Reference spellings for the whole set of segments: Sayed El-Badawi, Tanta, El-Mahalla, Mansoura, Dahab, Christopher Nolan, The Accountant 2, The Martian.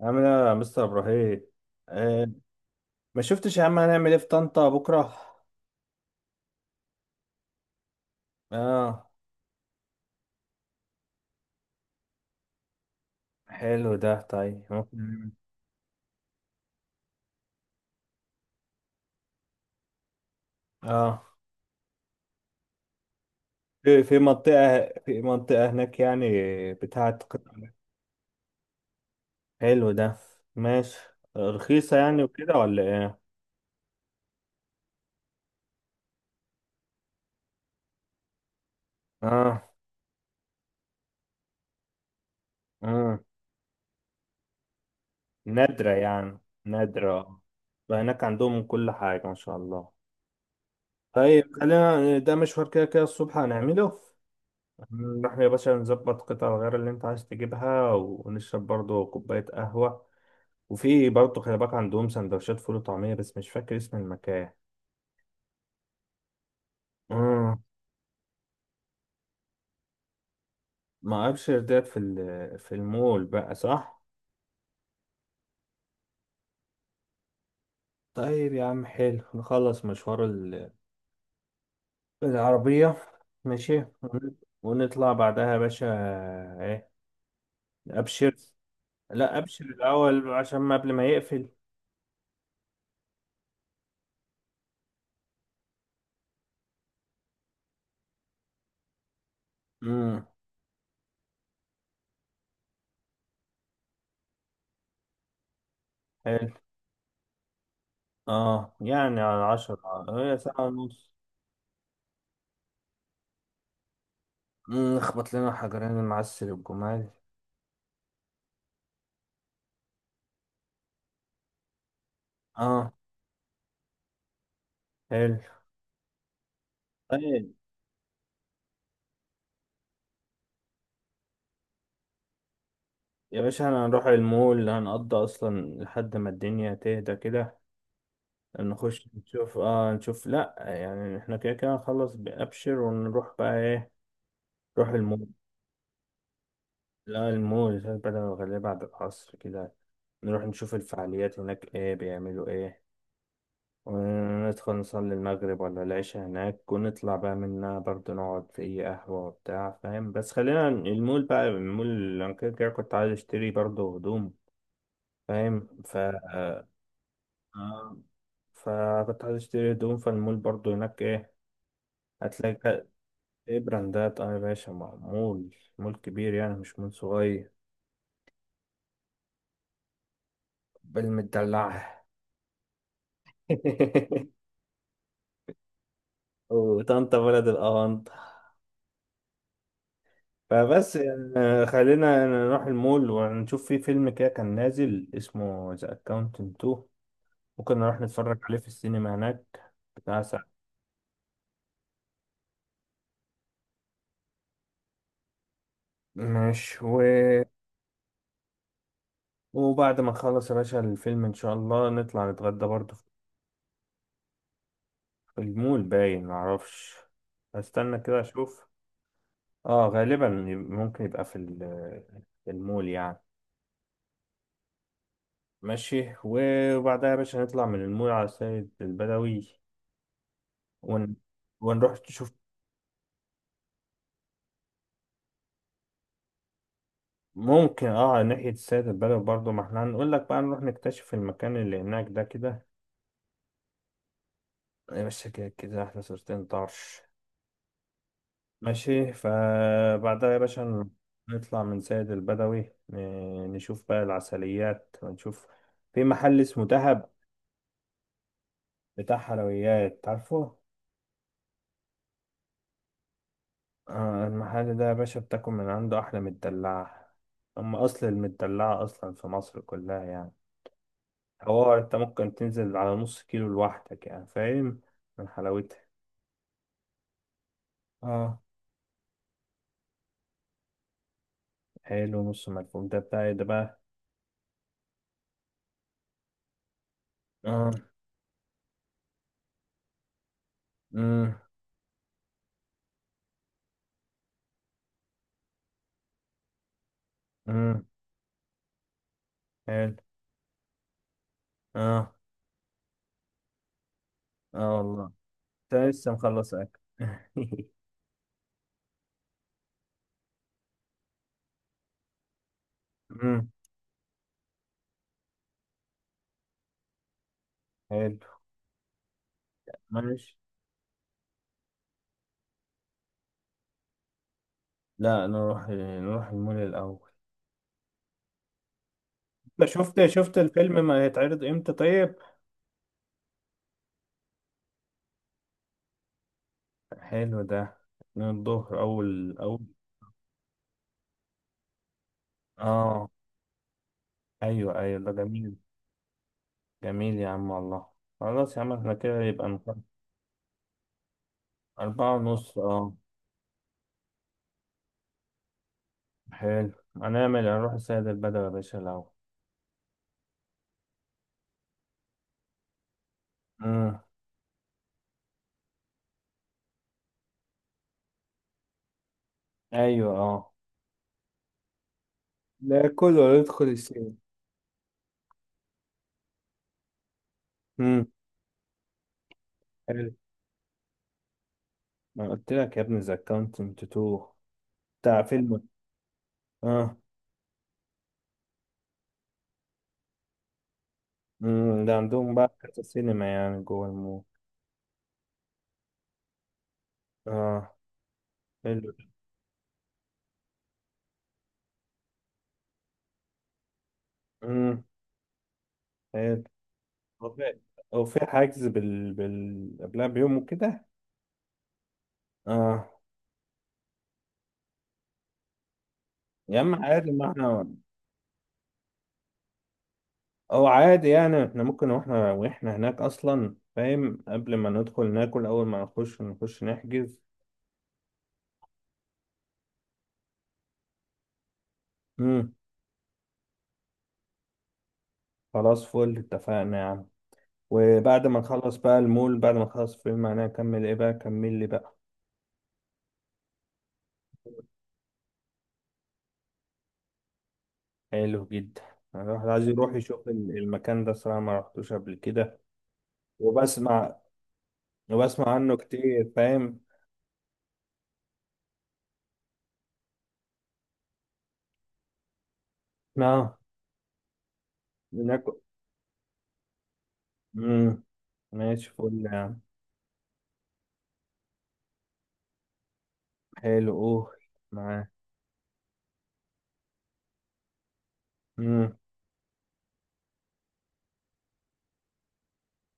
عامل ايه يا مستر ابراهيم؟ آه. ما شفتش يا عم، هنعمل ايه في طنطا بكره؟ اه. حلو ده. طيب ممكن اه في منطقه هناك يعني، بتاعه قطع- حلو ده. ماشي. رخيصه يعني وكده ولا ايه؟ اه، اه. نادره يعني، نادره. فهناك عندهم كل حاجه ما شاء الله. طيب خلينا ده، مشوار كده كده الصبح هنعمله. نروح يا باشا نظبط قطع الغيار اللي انت عايز تجيبها، ونشرب برضو كوباية قهوة. وفي برضو خلي بالك عندهم سندوتشات فول وطعمية، بس مش فاكر اسم المكان. امم ما ابشر ده في في المول بقى، صح؟ طيب يا عم، حلو. نخلص مشوار العربية. ماشي ون- ونطلع بعدها يا باشا. ايه؟ ابشر. لا ابشر الاول، عشان ما قبل ما يقفل. امم حلو. اه يعني على 10، هي ساعة ونص. اخبط لنا حجرين المعسل والجمال. اه. حلو. طيب يا باشا انا هنروح المول، هنقضي اصلا لحد ما الدنيا تهدى كده. نخش نشوف، نشوف. لا يعني احنا كده كده نخلص بأبشر ونروح بقى، ايه؟ نروح المول. لا المول بدل الغالية بعد العصر كده. نروح نشوف الفعاليات هناك، ايه بيعملوا ايه. وندخل نصلي المغرب ولا العشاء هناك، ونطلع بقى منها برضه، نقعد في أي قهوة وبتاع، فاهم؟ بس خلينا المول بقى، المول اللي أنا كده كده كنت عايز أشتري برضه هدوم. فاهم؟ ف آه، فكنت عايز أشتري هدوم، فالمول برضه هناك إيه هتلاقي بقى. إيه، براندات. يا باشا، مول، مول كبير يعني، مش مول صغير. بالمدلعة. وطنطا بلد الأونطة. فبس يعني، خلينا نروح المول ونشوف في فيلم كده كان نازل اسمه ذا اكاونتنت 2. ممكن نروح نتفرج عليه في السينما هناك. بتاع ساعة. ماشي و... وبعد ما نخلص يا باشا الفيلم، ان شاء الله نطلع نتغدى برضه. في المول، باين، معرفش. هستنى كده اشوف. اه، غالبا ممكن يبقى في في المول يعني. ماشي. وبعدها يا باشا نطلع من المول على سيد البدوي، ون... ونروح نشوف. ممكن، اه، ناحية السيد البدوي برضه، ما احنا هنقول لك بقى نروح نكتشف المكان اللي هناك ده كده. يا باشا كده كده احنا صورتين طرش. ماشي. فبعدها يا باشا نطلع من سيد البدوي، نشوف بقى العسليات ونشوف. في محل اسمه دهب، بتاع حلويات، عارفه؟ آه، المحل ده يا باشا بتاكل من عنده أحلى مدلعة. هم أصل المدلعة أصلا في مصر كلها يعني. حوار انت ممكن تنزل على نص كيلو لوحدك يعني، فاهم؟ من حلاوتها. اه. حلو. نص ملفوف ده بتاع ايه ده بقى؟ اه. امم. امم. حلو. اه، اه والله. انت لسه مخلص اكل؟ امم. حلو. ماشي. لا نروح المول الاول. انت شفت الفيلم ما هيتعرض امتى طيب؟ حلو ده. من الظهر، اول، اول. اه. ايوه، ايوه، ده جميل. جميل يا عم والله. خلاص يا عم، احنا كده يبقى نقدر. 4:30، اه. حلو. هنروح السيد البدوي يا باشا الأول. مم. ايوه، اه. لا كله، ولا يدخل السينما. امم. حلو. ما قلت لك يا ابني، ذا كاونتنت 2، بتاع فيلم. اه. امم، ده عندهم بقى كذا سينما يعني جوه المول. اه. حلو. امم. حلو. وفي وفي حجز بال قبلها بيوم وكده. اه. يا عم عادي، ما احنا او عادي يعني، احنا ممكن واحنا هناك اصلا، فاهم؟ قبل ما ندخل ناكل، اول ما نخش نحجز. امم. خلاص، فل، اتفقنا يا عم. وبعد ما نخلص بقى المول، بعد ما نخلص فيلم، انا اكمل ايه بقى؟ كمل لي بقى. حلو جدا. الواحد عايز يروح يشوف المكان ده صراحة، ما رحتوش قبل كده. وبسمع وبسمع عنه كتير، فاهم؟ اه. ناكل. امم. ماشي، فل يعني. حلو. اوه. معاه. امم.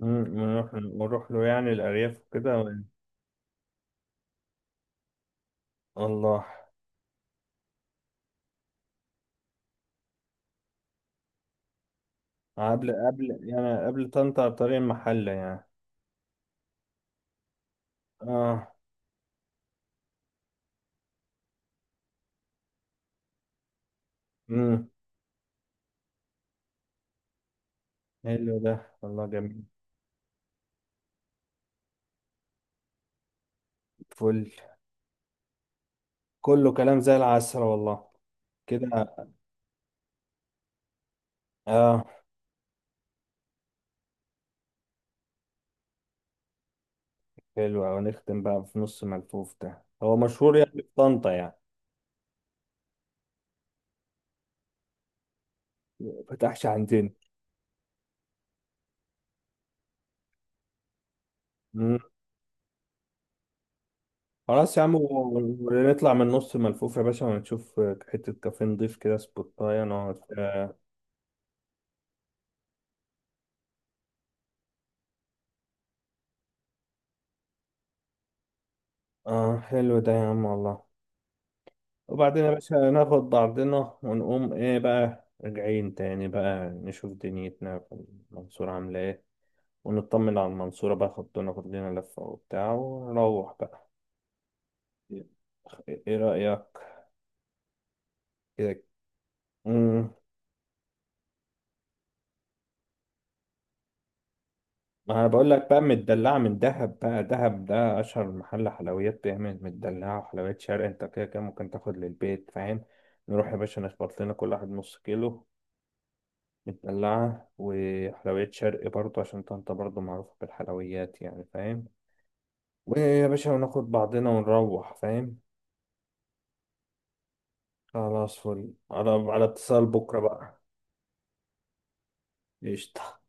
ونروح له يعني الارياف وكده الله. قبل يعني قبل طنطا بطريق المحلة يعني. اه. امم. حلو ده والله، جميل. فل. كله كلام زي العسل والله. كده. اه. حلو أوي. نختم بقى في نص ملفوف ده، هو مشهور يعني في طنطا يعني؟ ما فتحش عندنا. مم. خلاص يا عم، ونطلع من نص ملفوف يا باشا ونشوف. حتة كافيه نضيف كده، سبوتاية، نقعد، آه، حلو ده يا عم والله. وبعدين يا باشا ناخد بعضنا ونقوم، ايه بقى راجعين تاني بقى، نشوف دنيتنا في المنصورة عاملة ايه. ونطمن على المنصورة بقى، خدونا ناخد لنا لفة وبتاع، ونروح بقى. ايه رأيك؟ كده. امم. ما انا بقول لك بقى، مدلعة من دهب بقى. دهب ده اشهر محل حلويات بيعمل مدلعة وحلويات شرق. انت كده كده ممكن تاخد للبيت، فاهم؟ نروح يا باشا نخبط لنا كل واحد نص كيلو مدلعة وحلويات شرق برضه، عشان انت برضه معروفة بالحلويات يعني، فاهم؟ ويا باشا وناخد بعضنا ونروح، فاهم؟ خلاص، فل. على اتصال بكرة بقى. قشطة.